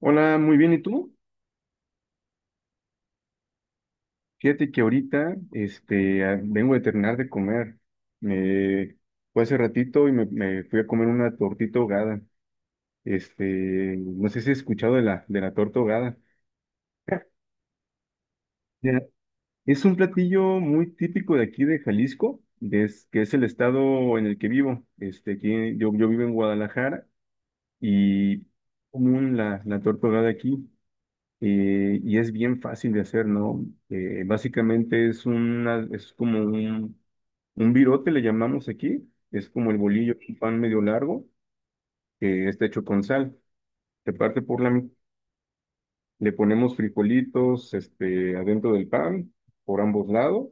Hola, muy bien, ¿y tú? Fíjate que ahorita vengo de terminar de comer. Me fue hace ratito y me fui a comer una tortita ahogada. No sé si has escuchado de la torta ahogada. Ya, es un platillo muy típico de aquí de Jalisco, que es el estado en el que vivo. Aquí, yo vivo en Guadalajara y común la torta ahogada aquí. Y es bien fácil de hacer, ¿no? Básicamente es como un virote, le llamamos aquí, es como el bolillo, un pan medio largo, que está hecho con sal. Se parte por le ponemos frijolitos, adentro del pan, por ambos lados,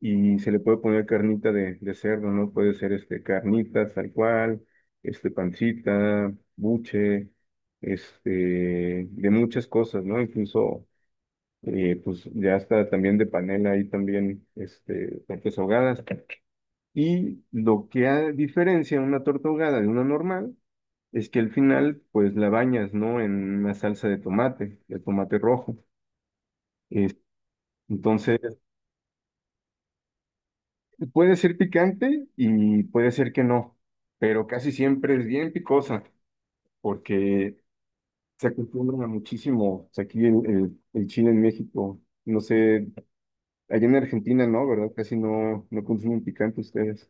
y se le puede poner carnita de cerdo, ¿no? Puede ser, carnitas, tal cual, pancita, buche, de muchas cosas, ¿no? Incluso pues ya está también de panela ahí también tortas ahogadas. Y lo que diferencia una torta ahogada de una normal es que al final pues la bañas, ¿no? En una salsa de tomate rojo. Es- entonces puede ser picante y puede ser que no, pero casi siempre es bien picosa porque se acostumbran a muchísimo pues, aquí el chile en México. No sé, allá en Argentina no, ¿verdad? Casi no, no consumen picante ustedes.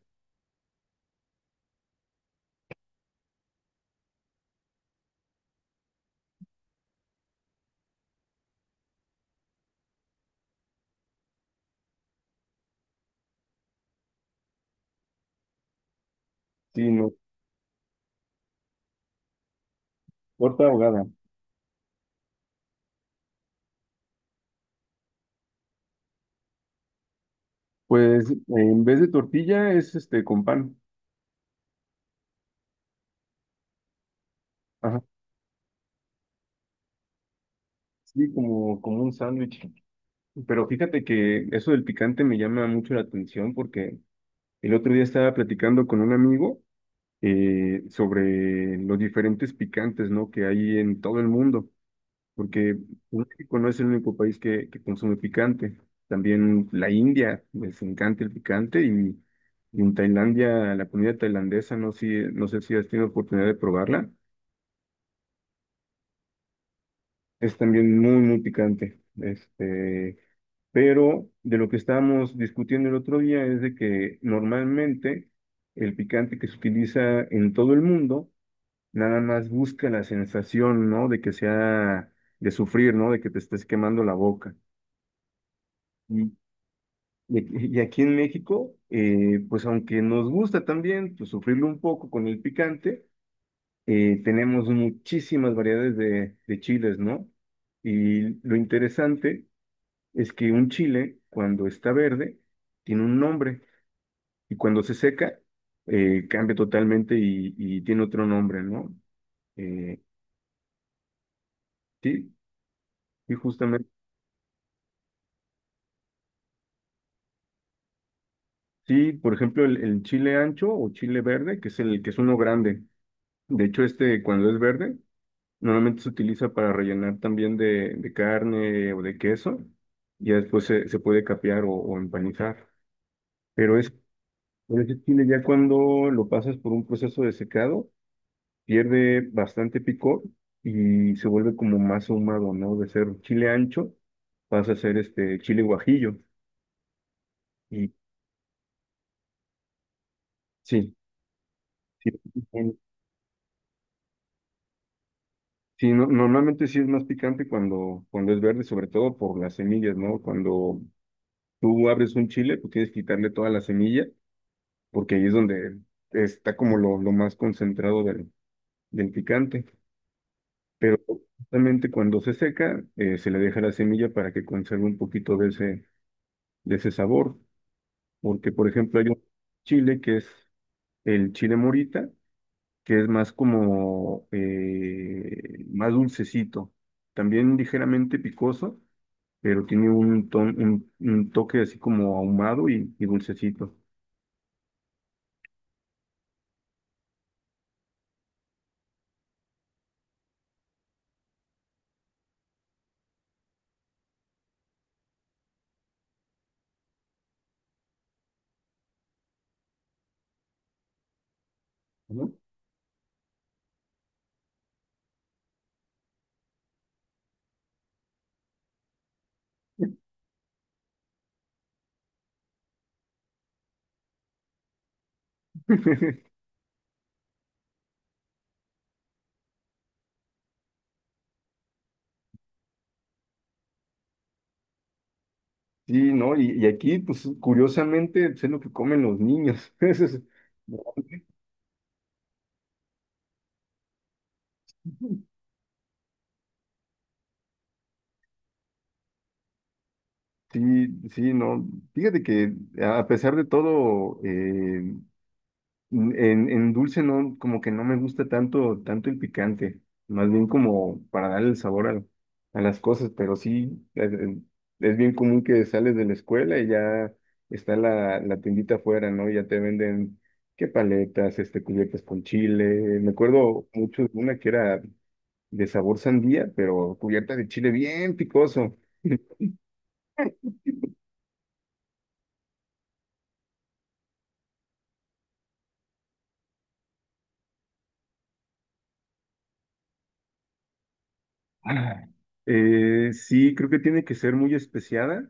Sí, no, torta ahogada. Pues en vez de tortilla es este con pan. Ajá. Sí, como, como un sándwich. Pero fíjate que eso del picante me llama mucho la atención porque el otro día estaba platicando con un amigo sobre los diferentes picantes, ¿no? Que hay en todo el mundo. Porque México no es el único país que consume picante. También la India les encanta el picante y en Tailandia la comida tailandesa, no, si, no sé si has tenido oportunidad de probarla, es también muy, muy picante. Pero de lo que estábamos discutiendo el otro día es de que normalmente el picante que se utiliza en todo el mundo nada más busca la sensación, ¿no? De que sea de sufrir, ¿no? De que te estés quemando la boca. y Y aquí en México, pues aunque nos gusta también pues, sufrirlo un poco con el picante, tenemos muchísimas variedades de chiles, ¿no? Y lo interesante es que un chile, cuando está verde, tiene un nombre y cuando se seca, cambia totalmente y tiene otro nombre, ¿no? Eh, sí, sí, justamente. Sí, por ejemplo, el chile ancho o chile verde, que es el que es uno grande. De hecho, este cuando es verde, normalmente se utiliza para rellenar también de carne o de queso. Ya después se puede capear o empanizar. Pero es, pero ese chile ya cuando lo pasas por un proceso de secado, pierde bastante picor y se vuelve como más ahumado, ¿no? De ser chile ancho, pasa a ser este chile guajillo. Y sí, sí, sí, sí, normalmente sí es más picante cuando, cuando es verde, sobre todo por las semillas, ¿no? Cuando tú abres un chile, tú tienes que quitarle toda la semilla porque ahí es donde está como lo más concentrado del picante. Pero justamente cuando se seca, se le deja la semilla para que conserve un poquito de ese sabor. Porque, por ejemplo, hay un chile que es el chile morita, que es más como, más dulcecito. También ligeramente picoso, pero tiene un toque así como ahumado y dulcecito, ¿no? Sí, ¿no? Y aquí, pues curiosamente, pues, es lo que comen los niños. Eso es- sí, sí, no. Fíjate que a pesar de todo, en dulce no, como que no me gusta tanto, tanto el picante, más bien como para darle el sabor a las cosas, pero sí, es bien común que sales de la escuela y ya está la tiendita afuera, ¿no? Ya te venden qué paletas, cubiertas con chile. Me acuerdo mucho de una que era de sabor sandía, pero cubierta de chile bien picoso. Ah, sí, creo que tiene que ser muy especiada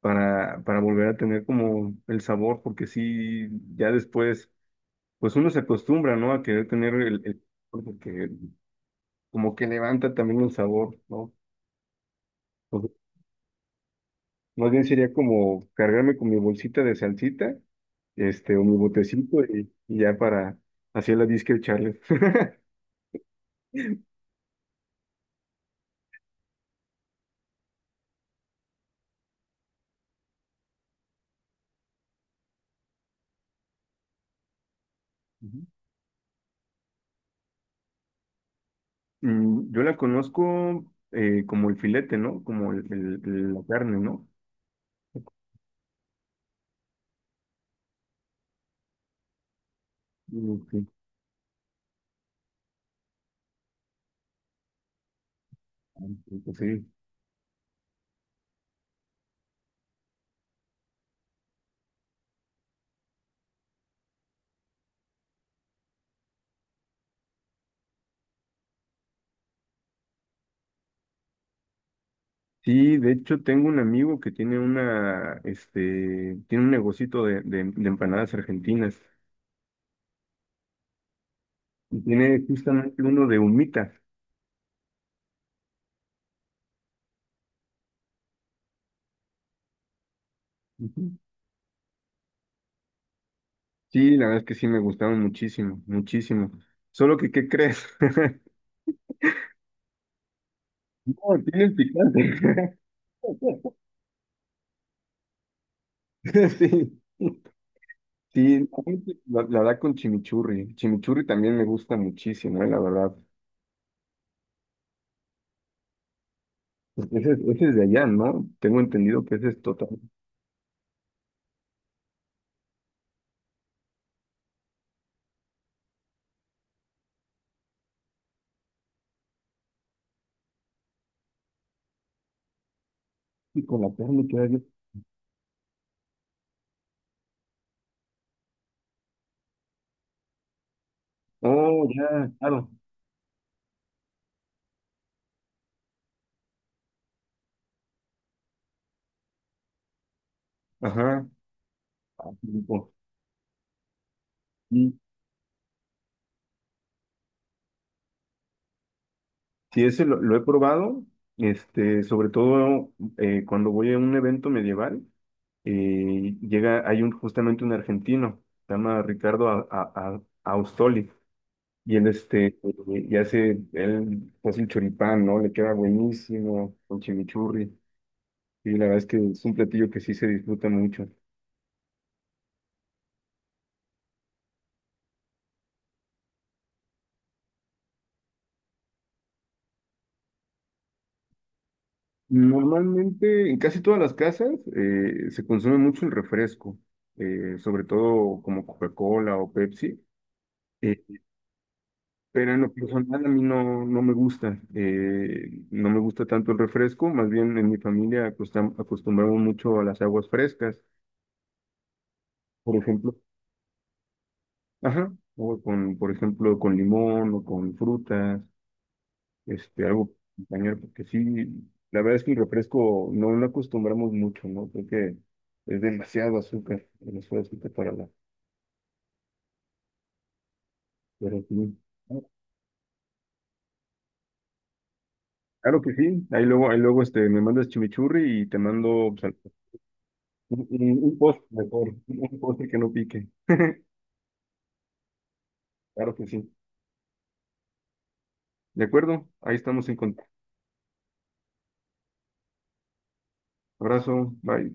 para volver a tener como el sabor, porque sí, ya después, pues uno se acostumbra, ¿no? A querer tener el porque como que levanta también el sabor, ¿no? Entonces, más bien sería como cargarme con mi bolsita de salsita, o mi botecito y ya para hacer la disque echarle. Yo la conozco como el filete, ¿no? Como la carne, ¿no? Ok, sí. Sí, de hecho tengo un amigo que tiene una, tiene un negocito de empanadas argentinas y tiene justamente uno de humita. Ujú. Sí, la verdad es que sí me gustaron muchísimo, muchísimo. Solo que, ¿qué crees? No, tienen picante. Sí. Sí, la verdad con chimichurri. Chimichurri también me gusta muchísimo, la verdad. Pues ese es de allá, ¿no? Tengo entendido que ese es total. Y con la carne que hay. Oh, ya, claro. Ajá. Ah, qué rico. Sí, sí, ese lo he probado, sobre todo cuando voy a un evento medieval, llega, hay un, justamente un argentino, se llama Ricardo Austoli. Y él, este, y él hace el choripán, ¿no? Le queda buenísimo con chimichurri. Y la verdad es que es un platillo que sí se disfruta mucho. Normalmente, en casi todas las casas, se consume mucho el refresco, sobre todo como Coca-Cola o Pepsi. eh, pero en lo personal a mí no, no me gusta, no me gusta tanto el refresco, más bien en mi familia acostumbramos mucho a las aguas frescas. Por ejemplo, ajá, o con, por ejemplo, con limón o con frutas, algo compañero, porque sí, la verdad es que el refresco no lo acostumbramos mucho, ¿no? Creo que es demasiado azúcar para la, pero sí. Claro que sí, ahí luego, me mandas chimichurri y te mando, pues, un, un postre mejor, un postre que no pique, claro que sí. De acuerdo, ahí estamos en contacto. Abrazo, bye.